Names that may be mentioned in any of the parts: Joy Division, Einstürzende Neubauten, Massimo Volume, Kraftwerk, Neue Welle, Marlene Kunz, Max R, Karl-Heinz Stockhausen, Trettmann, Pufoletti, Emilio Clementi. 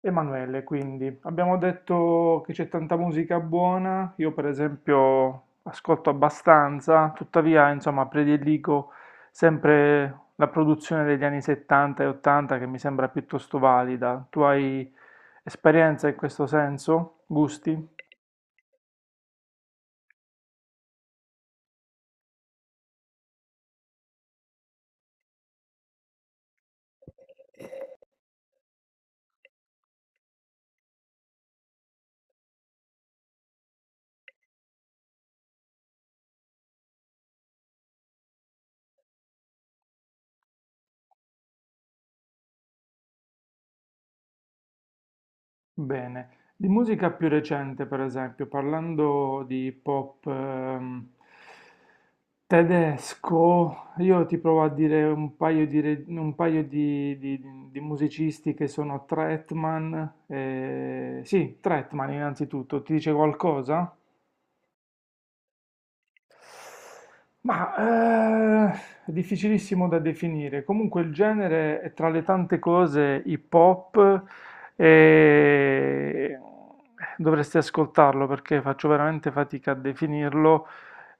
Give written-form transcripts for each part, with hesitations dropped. Emanuele, quindi abbiamo detto che c'è tanta musica buona. Io per esempio ascolto abbastanza, tuttavia insomma prediligo sempre la produzione degli anni '70 e '80, che mi sembra piuttosto valida. Tu hai esperienza in questo senso? Gusti? Bene, di musica più recente, per esempio, parlando di pop tedesco, io ti provo a dire un paio di, re- un paio di musicisti che sono Trettmann, sì, Trettmann innanzitutto, ti dice qualcosa? Ma eh, è difficilissimo da definire. Comunque il genere è tra le tante cose hip hop e dovresti ascoltarlo perché faccio veramente fatica a definirlo.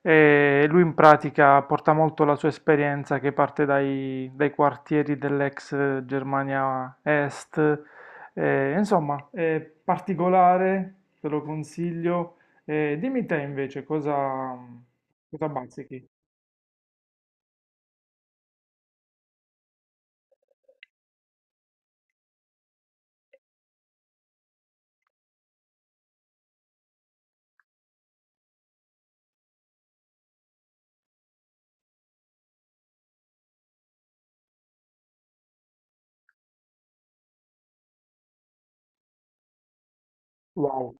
E lui in pratica porta molto la sua esperienza che parte dai quartieri dell'ex Germania Est. Insomma, è particolare, te lo consiglio. Dimmi te invece cosa bazzichi. Wow,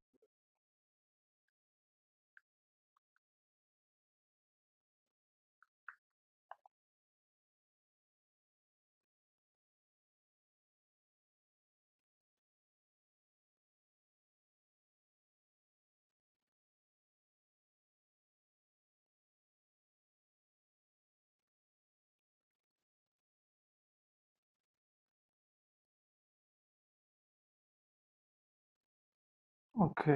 ok.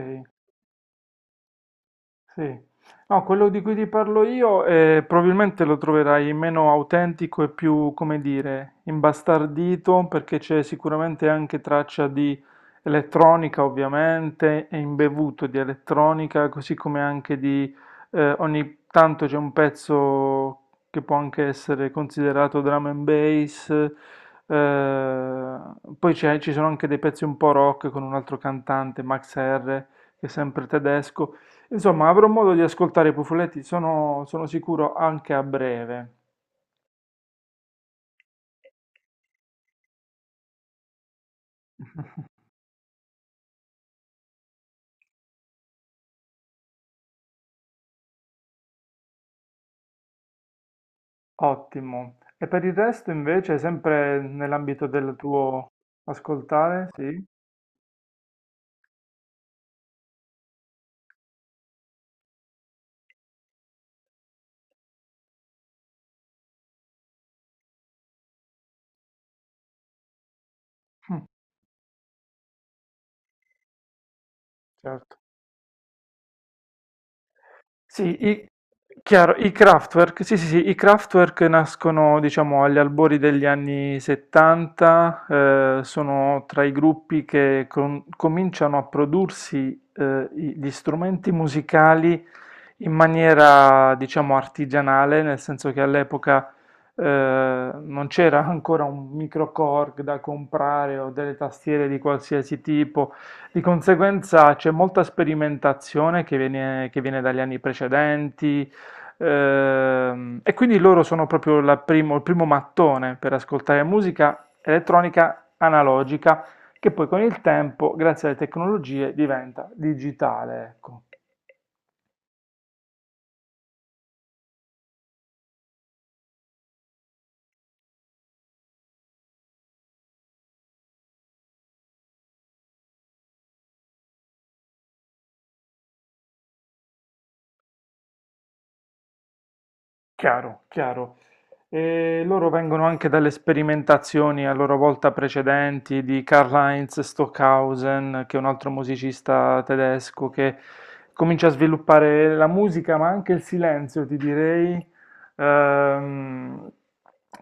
Sì. No, quello di cui ti parlo io probabilmente lo troverai meno autentico e più, come dire, imbastardito, perché c'è sicuramente anche traccia di elettronica, ovviamente, e imbevuto di elettronica, così come anche di ogni tanto c'è un pezzo che può anche essere considerato drum and bass. eh, Poi ci sono anche dei pezzi un po' rock con un altro cantante, Max R, che è sempre tedesco. Insomma, avrò modo di ascoltare i Pufoletti, sono sicuro anche a breve. Ottimo. E per il resto, invece, sempre nell'ambito del tuo ascoltare, sì? Mm, certo. Sì, i, chiaro, i Kraftwerk, sì, sì, sì, i Kraftwerk nascono, diciamo, agli albori degli anni '70. Sono tra i gruppi che cominciano a prodursi gli strumenti musicali in maniera, diciamo, artigianale, nel senso che all'epoca eh, non c'era ancora un microcorg da comprare o delle tastiere di qualsiasi tipo, di conseguenza c'è molta sperimentazione che viene dagli anni precedenti. E quindi loro sono proprio il primo mattone per ascoltare musica elettronica analogica, che poi con il tempo, grazie alle tecnologie, diventa digitale, ecco. Chiaro, chiaro. E loro vengono anche dalle sperimentazioni a loro volta precedenti di Karl-Heinz Stockhausen, che è un altro musicista tedesco che comincia a sviluppare la musica, ma anche il silenzio, ti direi, ehm,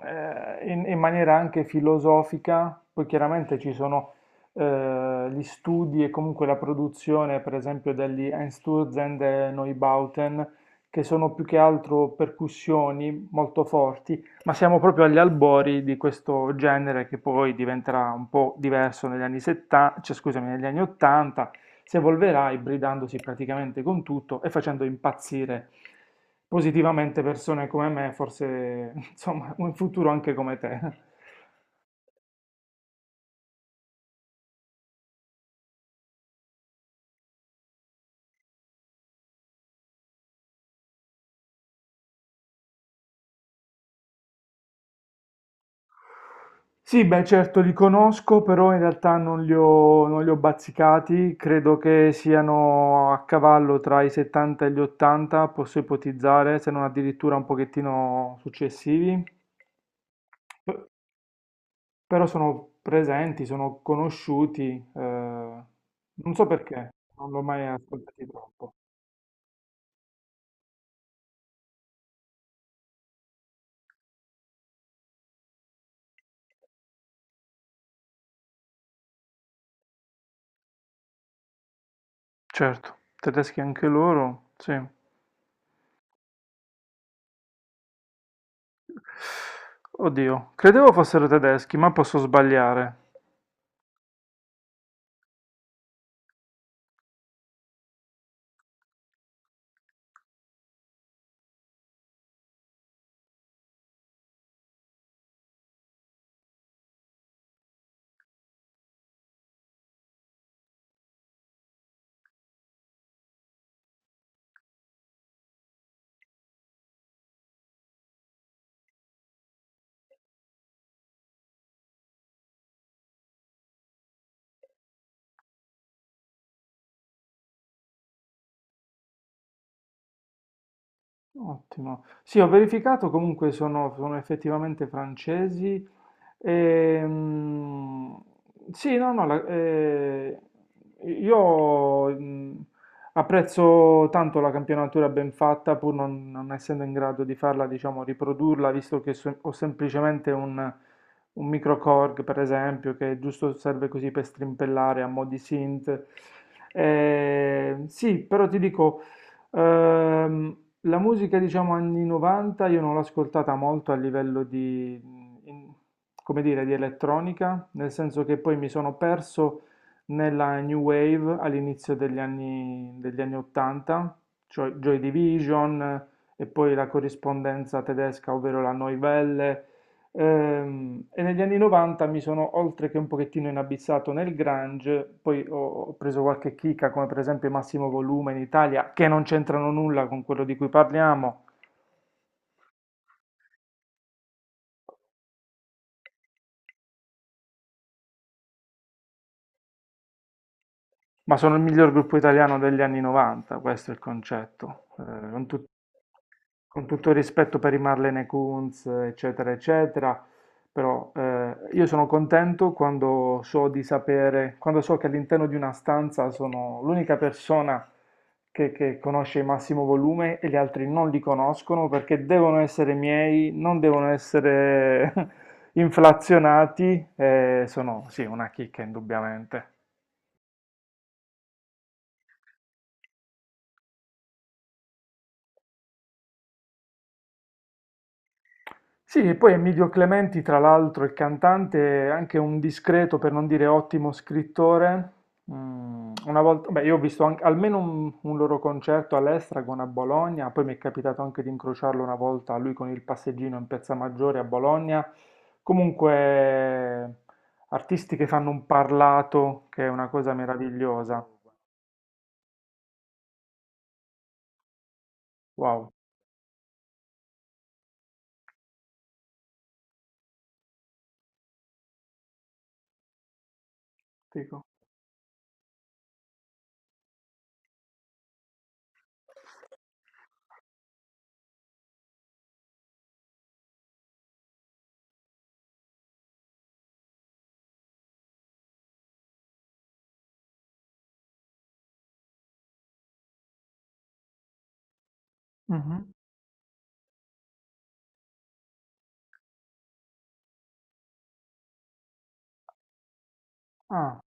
in maniera anche filosofica. Poi chiaramente ci sono gli studi e comunque la produzione, per esempio, degli Einstürzende Neubauten, che sono più che altro percussioni molto forti, ma siamo proprio agli albori di questo genere, che poi diventerà un po' diverso negli anni '70, cioè, scusami, negli anni '80, si evolverà ibridandosi praticamente con tutto e facendo impazzire positivamente persone come me, forse insomma, in futuro anche come te. Sì, beh, certo li conosco, però in realtà non li ho bazzicati, credo che siano a cavallo tra i '70 e gli '80, posso ipotizzare, se non addirittura un pochettino successivi. P- Però sono presenti, sono conosciuti, eh, non so perché, non l'ho mai ascoltati troppo. Certo, tedeschi anche loro, sì. Oddio, credevo fossero tedeschi, ma posso sbagliare. Ottimo. Sì, ho verificato, comunque sono effettivamente francesi. Ehm, sì, no, no, la- io apprezzo tanto la campionatura ben fatta, pur non essendo in grado di farla, diciamo, riprodurla, visto che ho semplicemente un microcorg, per esempio, che giusto serve così per strimpellare a mo' di synth. Sì, però ti dico... Ehm, la musica, diciamo, anni '90 io non l'ho ascoltata molto a livello di, in- come dire, di elettronica, nel senso che poi mi sono perso nella New Wave all'inizio degli anni '80, cioè Joy Division, e poi la corrispondenza tedesca, ovvero la Neue Welle. E negli anni '90 mi sono oltre che un pochettino inabissato nel grunge, poi ho preso qualche chicca come per esempio Massimo Volume in Italia, che non c'entrano nulla con quello di cui parliamo, ma sono il miglior gruppo italiano degli anni '90, questo è il concetto. Con, tut- con tutto il rispetto per i Marlene Kunz, eccetera, eccetera, però io sono contento quando so che all'interno di una stanza sono l'unica persona che conosce il massimo volume e gli altri non li conoscono perché devono essere miei, non devono essere inflazionati, sono sì, una chicca indubbiamente. Sì, e poi Emilio Clementi, tra l'altro, il cantante, è anche un discreto, per non dire ottimo, scrittore. Mm, una volta, beh, io ho visto almeno un loro concerto all'Estragon a Bologna, poi mi è capitato anche di incrociarlo una volta, lui con il passeggino in Piazza Maggiore a Bologna. Comunque, artisti che fanno un parlato, che è una cosa meravigliosa. Wow, dico. Mhm. Ah,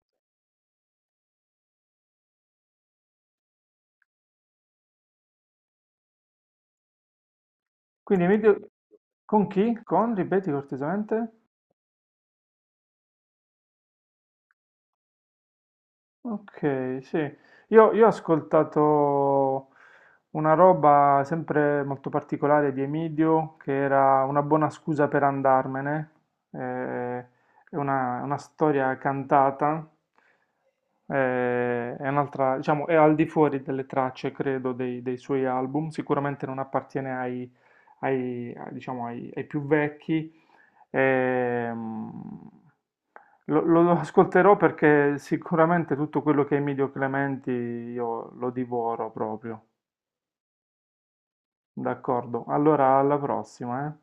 quindi Emilio, con chi? Con, ripeti cortesemente? Ok, sì. Io ho ascoltato una roba sempre molto particolare di Emidio, che era una buona scusa per andarmene. eh, È una storia cantata, è un'altra, diciamo, è al di fuori delle tracce, credo, dei suoi album. Sicuramente non appartiene ai più vecchi. Ehm, lo ascolterò perché sicuramente tutto quello che è Emilio Clementi io lo divoro proprio. D'accordo. Allora, alla prossima, eh.